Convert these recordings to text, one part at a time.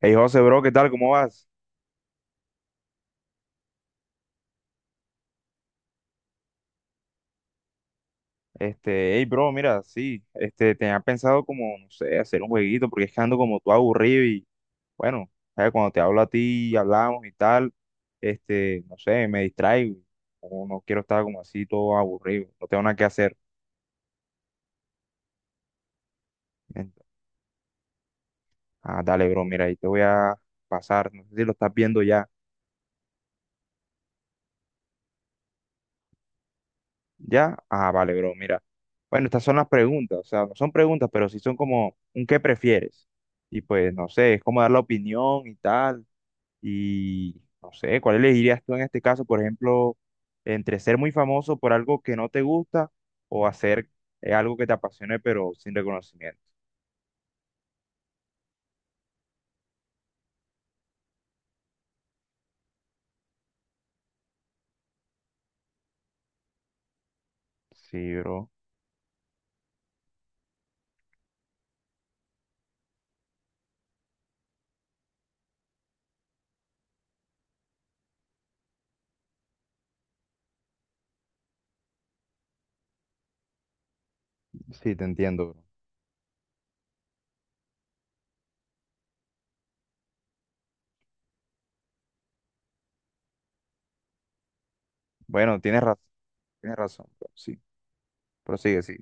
Hey José, bro, ¿qué tal? ¿Cómo vas? Este, hey, bro, mira, sí, este, tenía pensado como, no sé, hacer un jueguito, porque es que ando como tú aburrido y, bueno, ¿sabes? Cuando te hablo a ti, hablamos y tal, este, no sé, me distraigo, o no no quiero estar como así todo aburrido, no tengo nada que hacer. Ent- ah, dale, bro, mira, ahí te voy a pasar, no sé si lo estás viendo ya, ¿ya? Ah, vale, bro, mira. Bueno, estas son las preguntas, o sea, no son preguntas, pero sí son como un qué prefieres. Y pues, no sé, es como dar la opinión y tal. Y no sé, ¿cuál elegirías tú en este caso, por ejemplo, entre ser muy famoso por algo que no te gusta o hacer algo que te apasione pero sin reconocimiento? Sí, bro. Sí, te entiendo, bro. Bueno, tienes razón, bro. Sí, prosigue, sí.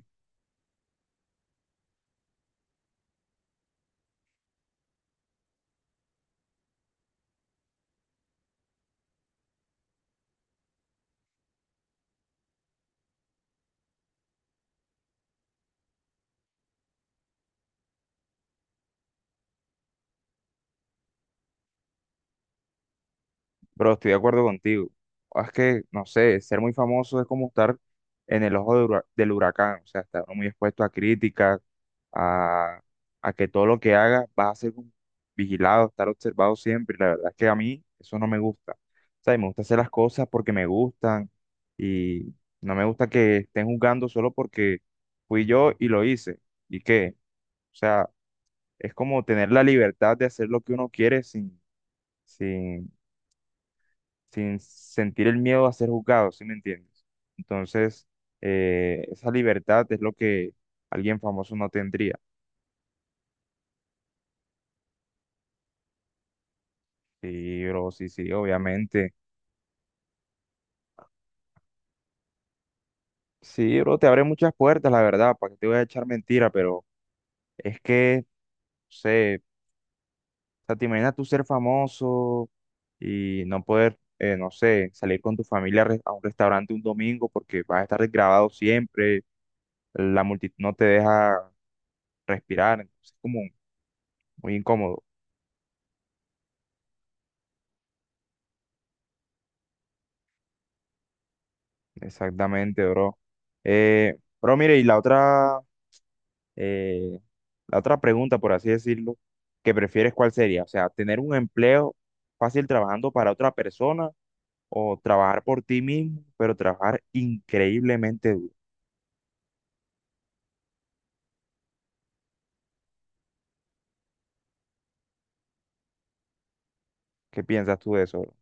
Bro, estoy de acuerdo contigo. Es que, no sé, ser muy famoso es como estar en el ojo de del huracán, o sea, estar muy expuesto a críticas, a, a que todo lo que haga va a ser como vigilado, estar observado siempre. La verdad es que a mí eso no me gusta. O sea, y me gusta hacer las cosas porque me gustan y no me gusta que estén juzgando solo porque fui yo y lo hice. ¿Y qué? O sea, es como tener la libertad de hacer lo que uno quiere sin sin sentir el miedo a ser juzgado, ¿sí me entiendes? Entonces, esa libertad es lo que alguien famoso no tendría. Sí, bro, sí, sí, obviamente. Sí, bro, te abre muchas puertas, la verdad, para que te voy a echar mentira, pero es que, no sé, o sea, te imaginas tú ser famoso y no poder, no sé, salir con tu familia a a un restaurante un domingo porque vas a estar grabado siempre, la multitud no te deja respirar, entonces es como muy incómodo. Exactamente, bro. Bro, mire, y eh, la otra pregunta, por así decirlo, que prefieres, ¿cuál sería? O sea, tener un empleo fácil trabajando para otra persona o trabajar por ti mismo, pero trabajar increíblemente duro. ¿Qué piensas tú de eso, bro?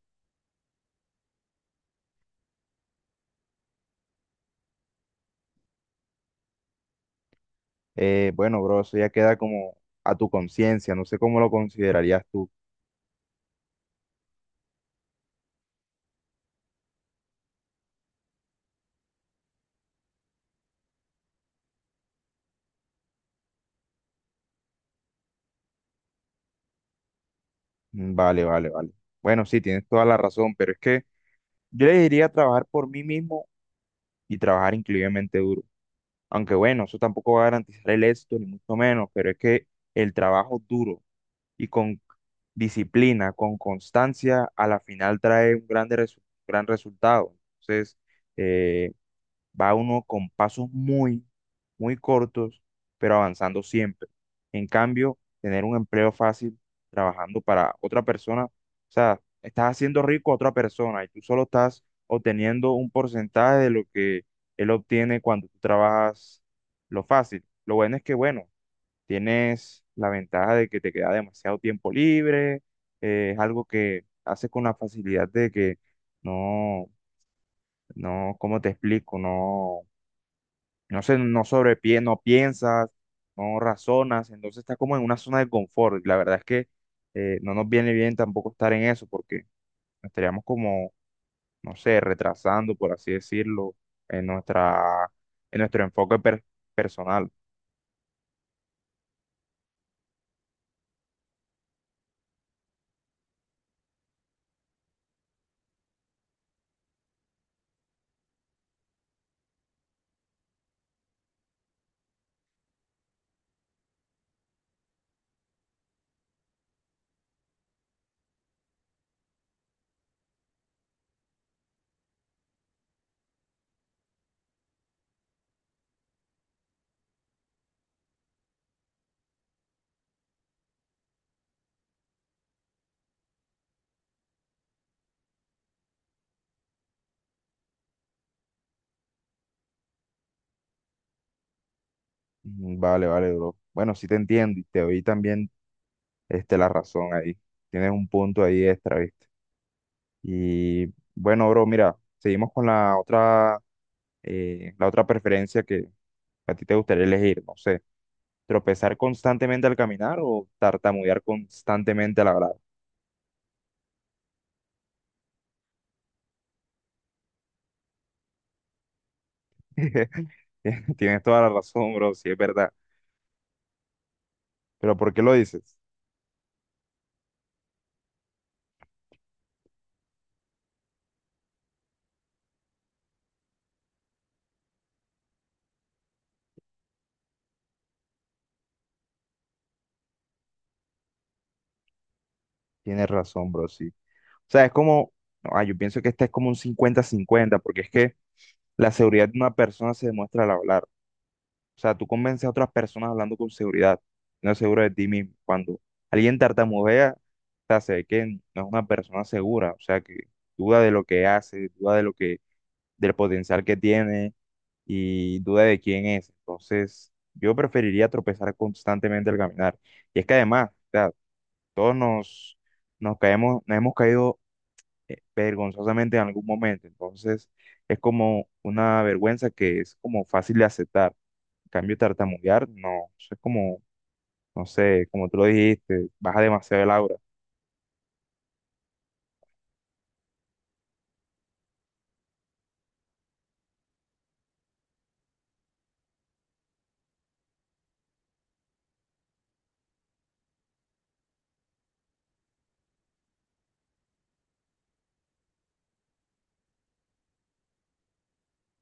Bueno, bro, eso ya queda como a tu conciencia, no sé cómo lo considerarías tú. Mm, vale, vale, vale. Bueno, sí, tienes toda la razón, pero es que yo le diría trabajar por mí mismo y trabajar increíblemente duro. Aunque bueno, eso tampoco va a garantizar el éxito, ni mucho menos, pero es que el trabajo duro y con disciplina, con constancia, a la final trae un gran resultado. Entonces, eh, Va uno con pasos muy, muy cortos, pero avanzando siempre. En cambio, tener un empleo fácil trabajando para otra persona, o sea, estás haciendo rico a otra persona y tú solo estás obteniendo un porcentaje de lo que él obtiene cuando tú trabajas lo fácil. Lo bueno es que, bueno, tienes la ventaja de que te queda demasiado tiempo libre, es algo que haces con la facilidad de que no, no, ¿cómo te explico? No. No sé, no sobrepiensas, no piensas, no razonas, entonces estás como en una zona de confort. Y la verdad es que no nos viene bien tampoco estar en eso porque nos estaríamos como, no sé, retrasando, por así decirlo, en nuestra, en nuestro enfoque personal. Mm, vale, vale, bro. Bueno, sí te entiendo y te doy también este, la razón ahí. Tienes un punto ahí extra, ¿viste? Y bueno, bro, mira, seguimos con la otra preferencia que a ti te gustaría elegir, no sé. Tropezar constantemente al caminar o tartamudear constantemente al hablar. Tienes toda la razón, bro, sí, es verdad. Pero ¿por qué lo dices? Tienes razón, bro, sí. O sea, es como, no, ah, yo pienso que este es como un 50-50 porque es que la seguridad de una persona se demuestra al hablar. O sea, tú convences a otras personas hablando con seguridad, no es seguro de ti mismo. Cuando alguien tartamudea, o sea, se ve que no es una persona segura, o sea, que duda de lo que hace, duda de lo que, del potencial que tiene y duda de quién es. Entonces, yo preferiría tropezar constantemente al caminar. Y es que además, o sea, todos nos, nos caemos, nos hemos caído vergonzosamente en algún momento. Entonces, es como una vergüenza que es como fácil de aceptar. En cambio, tartamudear, no, eso es como, no sé, como tú lo dijiste, baja demasiado el aura.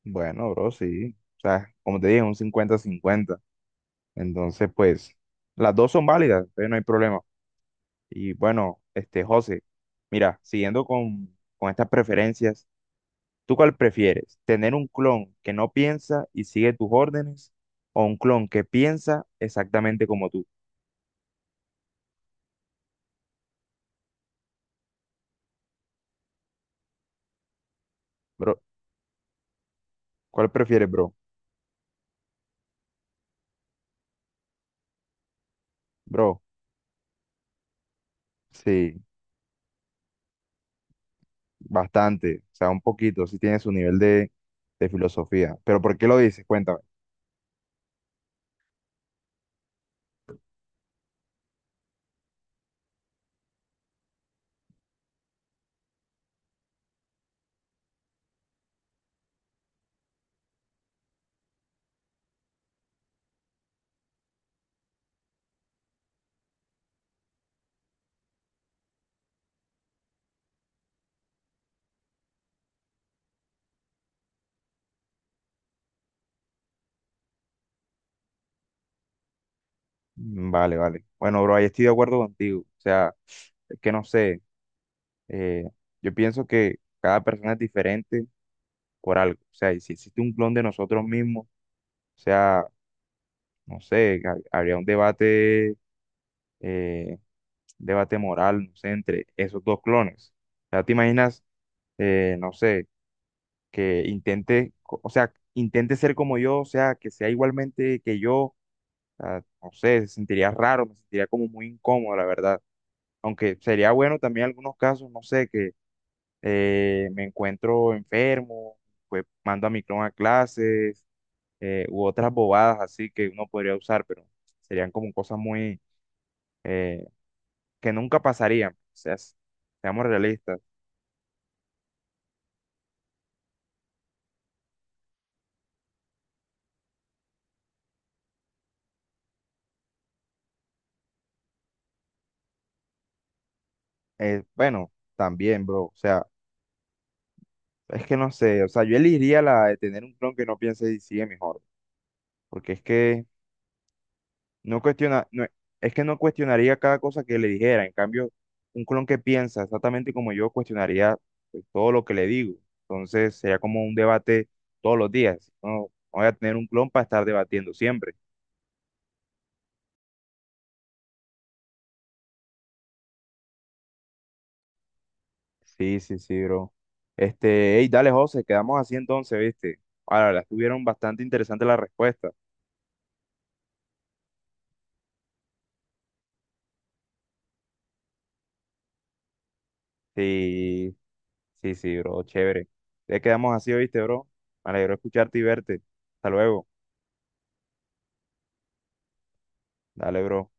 Bueno, bro, sí. O sea, como te dije, un 50-50. Entonces, pues, las dos son válidas, entonces no hay problema. Y bueno, este José, mira, siguiendo con estas preferencias, ¿tú cuál prefieres? ¿Tener un clon que no piensa y sigue tus órdenes o un clon que piensa exactamente como tú? Bro, ¿cuál prefieres, bro? Bro, sí, bastante, o sea, un poquito, sí tiene su nivel de filosofía. Pero ¿por qué lo dices? Cuéntame. Mm, vale, vale. Bueno, bro, ahí estoy de acuerdo contigo. O sea, es que no sé, eh, yo pienso que cada persona es diferente por algo. O sea, y si existe un clon de nosotros mismos, o sea, no sé, habría un debate, eh, debate moral, no sé, entre esos dos clones. O sea, te imaginas, no sé, que intente, o sea, intente ser como yo, o sea, que sea igualmente que yo, o sea, no sé, se sentiría raro, me sentiría como muy incómodo, la verdad. Aunque sería bueno también en algunos casos, no sé, que me encuentro enfermo, pues mando a mi clon a clases u otras bobadas así que uno podría usar, pero serían como cosas muy eh, que nunca pasarían. O sea, seamos realistas. Bueno, también, bro. O sea, es que no sé. O sea, yo elegiría la de tener un clon que no piense y sigue mejor. Porque es que no cuestiona, no, es que no cuestionaría cada cosa que le dijera. En cambio, un clon que piensa exactamente como yo cuestionaría pues, todo lo que le digo. Entonces sería como un debate todos los días. No, no voy a tener un clon para estar debatiendo siempre. Sí, sí, sí, bro. Este, hey, dale, José, quedamos así entonces, ¿viste? Ahora, las tuvieron bastante interesantes las respuestas. Sí, sí, sí, bro, chévere. Ya quedamos así, ¿viste, bro? Me alegro escucharte y verte. Hasta luego. Dale, bro.